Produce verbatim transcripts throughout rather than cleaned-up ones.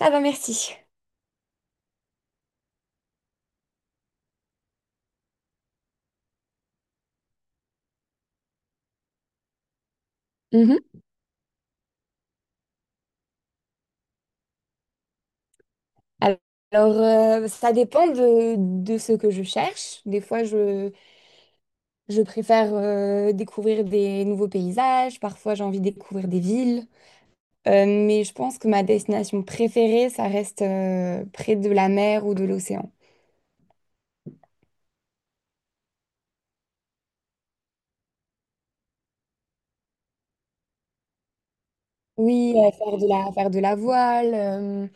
Ah bah merci. Mhm. Alors, euh, ça dépend de, de ce que je cherche. Des fois, je, je préfère euh, découvrir des nouveaux paysages. Parfois, j'ai envie de découvrir des villes. Euh, mais je pense que ma destination préférée, ça reste euh, près de la mer ou de l'océan. Oui, euh, faire de la, faire de la voile. euh,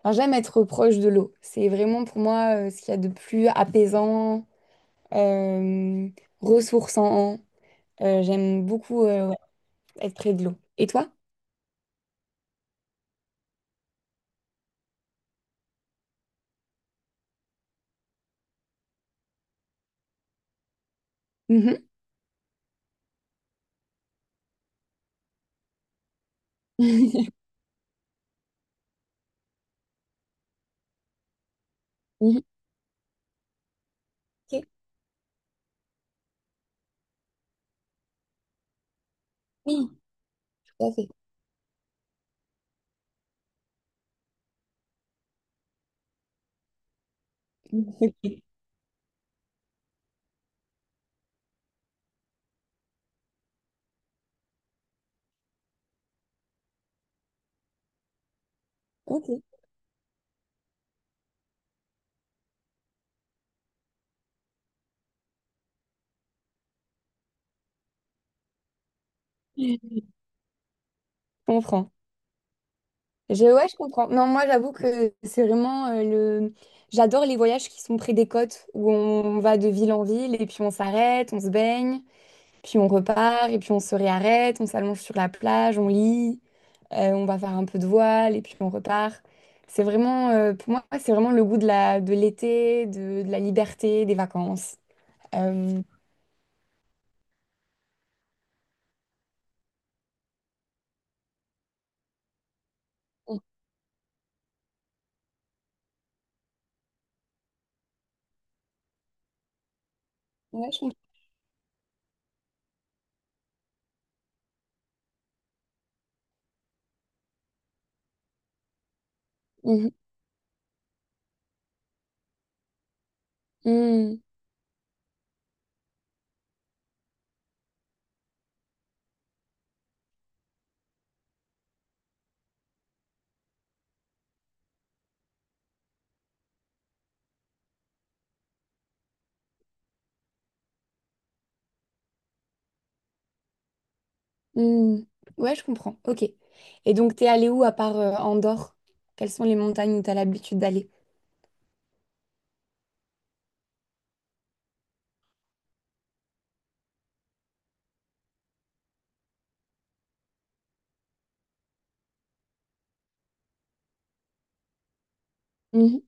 Enfin, j'aime être proche de l'eau. C'est vraiment pour moi euh, ce qu'il y a de plus apaisant, euh, ressourçant. Euh, j'aime beaucoup. Euh, ouais, être près de l'eau. Et toi? Mhm. Mhm. Ok. Oui, tout à fait. Ok. Ok. Je comprends. Je, ouais, je comprends. Non, moi, j'avoue que c'est vraiment euh, le. J'adore les voyages qui sont près des côtes, où on va de ville en ville et puis on s'arrête, on se baigne, puis on repart et puis on se réarrête, on s'allonge sur la plage, on lit, euh, on va faire un peu de voile et puis on repart. C'est vraiment, euh, pour moi, c'est vraiment le goût de la, de l'été, de, de la liberté, des vacances. Euh, ouais, je Mhm. Mhm. Mhm. Ouais, je comprends. Ok. Et donc, t'es allé où à part euh, Andorre? Quelles sont les montagnes où t'as l'habitude d'aller? Mhm.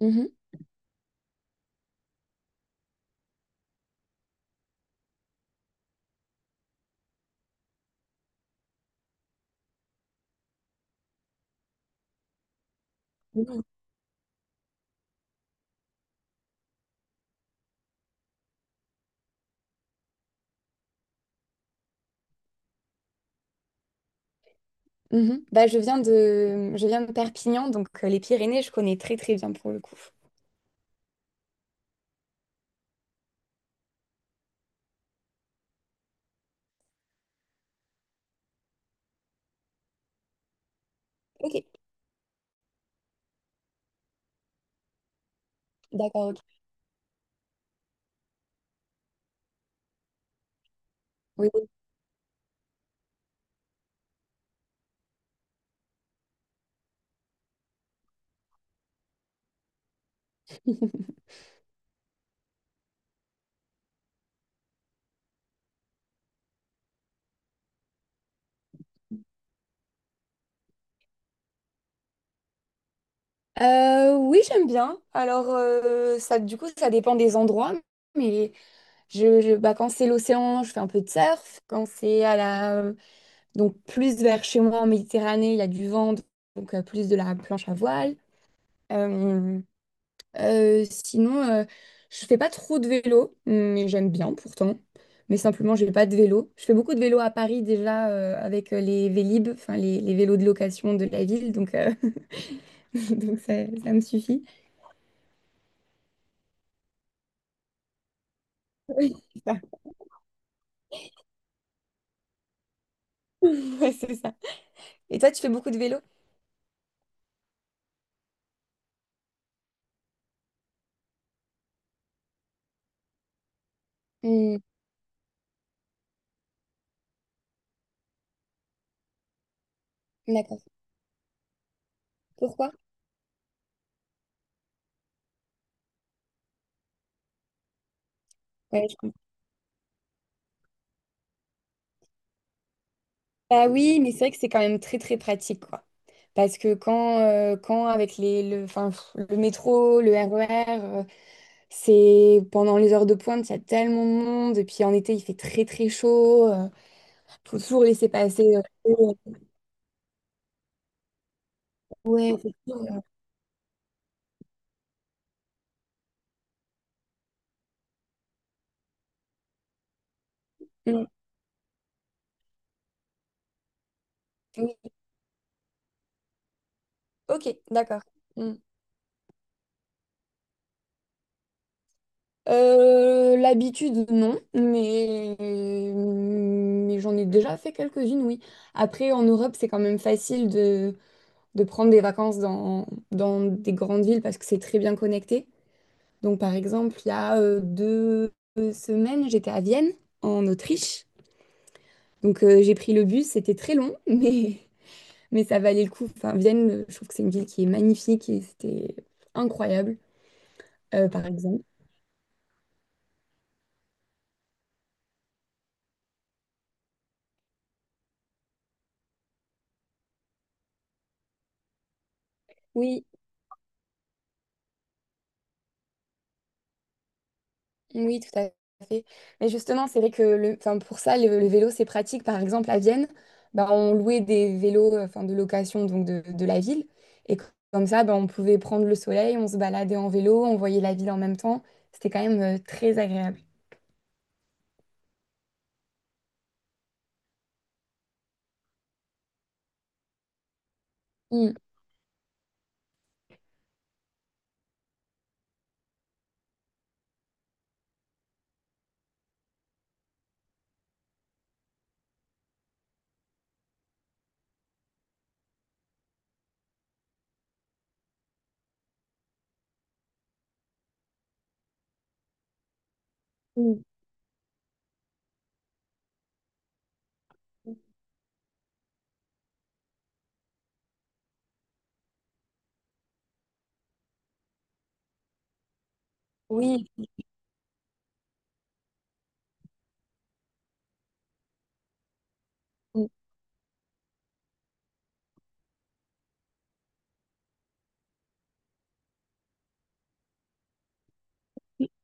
Mhm. Mhm. Mhm. Bah, je viens de... je viens de Perpignan, donc euh, les Pyrénées, je connais très très bien pour le coup. Ok, d'accord, ok. Oui, oui, Euh, oui, j'aime bien. Alors, euh, ça, du coup, ça dépend des endroits. Mais je, je- bah, quand c'est l'océan, je fais un peu de surf. Quand c'est à la donc plus vers chez moi en Méditerranée, il y a du vent, donc euh, plus de la planche à voile. Euh, euh, Sinon, euh, je fais pas trop de vélo, mais j'aime bien pourtant. Mais simplement, j'ai pas de vélo. Je fais beaucoup de vélo à Paris déjà euh, avec euh, les Vélib, enfin les, les vélos de location de la ville, donc, euh, donc ça, ça me suffit. Oui, c'est ça. Ouais, c'est ça. Et toi, tu fais beaucoup de vélo? Hmm, d'accord. Pourquoi? Ouais, je bah oui, mais c'est vrai que c'est quand même très très pratique, quoi. Parce que quand, euh, quand avec les, le, enfin, pff, le métro, le R E R, euh, c'est pendant les heures de pointe, il y a tellement de monde. Et puis en été, il fait très très chaud. Euh, faut toujours laisser passer. euh, euh, ouais, faut toujours, euh, mm, oui. Ok, d'accord. Mm. Euh, l'habitude, non, mais, mais j'en ai déjà fait quelques-unes, oui. Après, en Europe, c'est quand même facile de de prendre des vacances dans, dans des grandes villes parce que c'est très bien connecté. Donc, par exemple, il y a euh, deux semaines, j'étais à Vienne, en Autriche. Donc, euh, j'ai pris le bus, c'était très long, mais, mais ça valait le coup. Enfin, Vienne, euh, je trouve que c'est une ville qui est magnifique et c'était incroyable, euh, par exemple. Oui, oui, tout à fait. Mais justement, c'est vrai que le, enfin, pour ça, le, le vélo, c'est pratique. Par exemple, à Vienne, ben, on louait des vélos euh, enfin, de location donc de, de la ville. Et co- comme ça, ben, on pouvait prendre le soleil, on se baladait en vélo, on voyait la ville en même temps. C'était quand même euh, très agréable. Mm. Mm. Oui,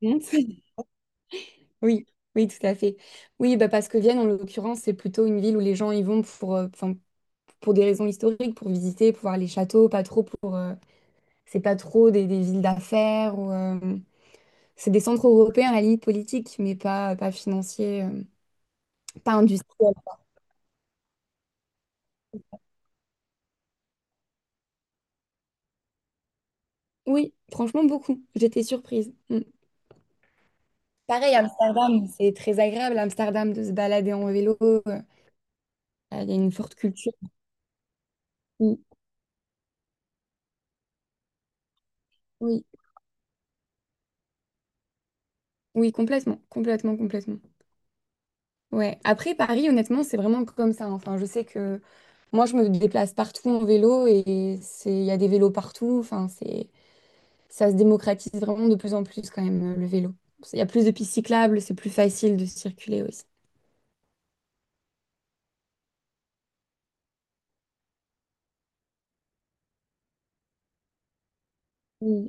mm. Oui, oui, tout à fait. Oui, bah parce que Vienne, en l'occurrence, c'est plutôt une ville où les gens y vont pour, euh, 'fin, pour des raisons historiques, pour visiter, pour voir les châteaux, pas trop pour. Euh, c'est pas trop des, des villes d'affaires ou. euh, C'est des centres européens à la limite politique, mais pas, pas financiers, euh, pas industriels. Oui, franchement, beaucoup. J'étais surprise. Mm. Pareil, Amsterdam, c'est très agréable, Amsterdam, de se balader en vélo. euh, Il y a une forte culture. Oui, oui, oui, complètement, complètement, complètement. Ouais. Après, Paris, honnêtement, c'est vraiment comme ça. Enfin, je sais que moi, je me déplace partout en vélo et c'est, il y a des vélos partout. Enfin, c'est, ça se démocratise vraiment de plus en plus quand même, euh, le vélo. Il y a plus de pistes cyclables, c'est plus facile de circuler aussi. Mm,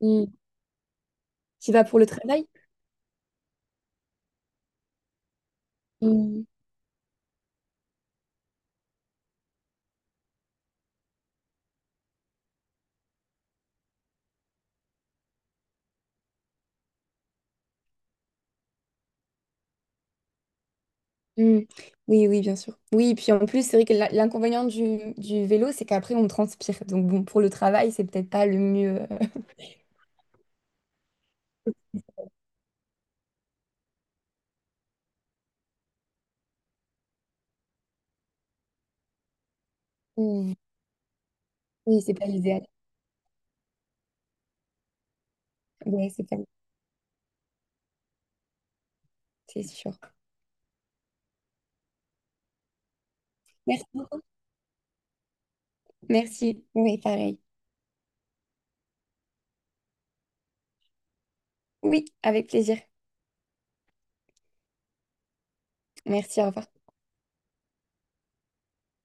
mm. Tu vas pour le travail? Mm, mm. Oui, oui, bien sûr. Oui, puis en plus, c'est vrai que la- l'inconvénient du, du vélo, c'est qu'après, on transpire. Donc, bon, pour le travail, c'est peut-être pas le mieux. Euh. Mm. Oui, c'est pas l'idéal. Oui, c'est pas... c'est sûr. Merci beaucoup. Merci. Oui, pareil. Oui, avec plaisir. Merci, au revoir.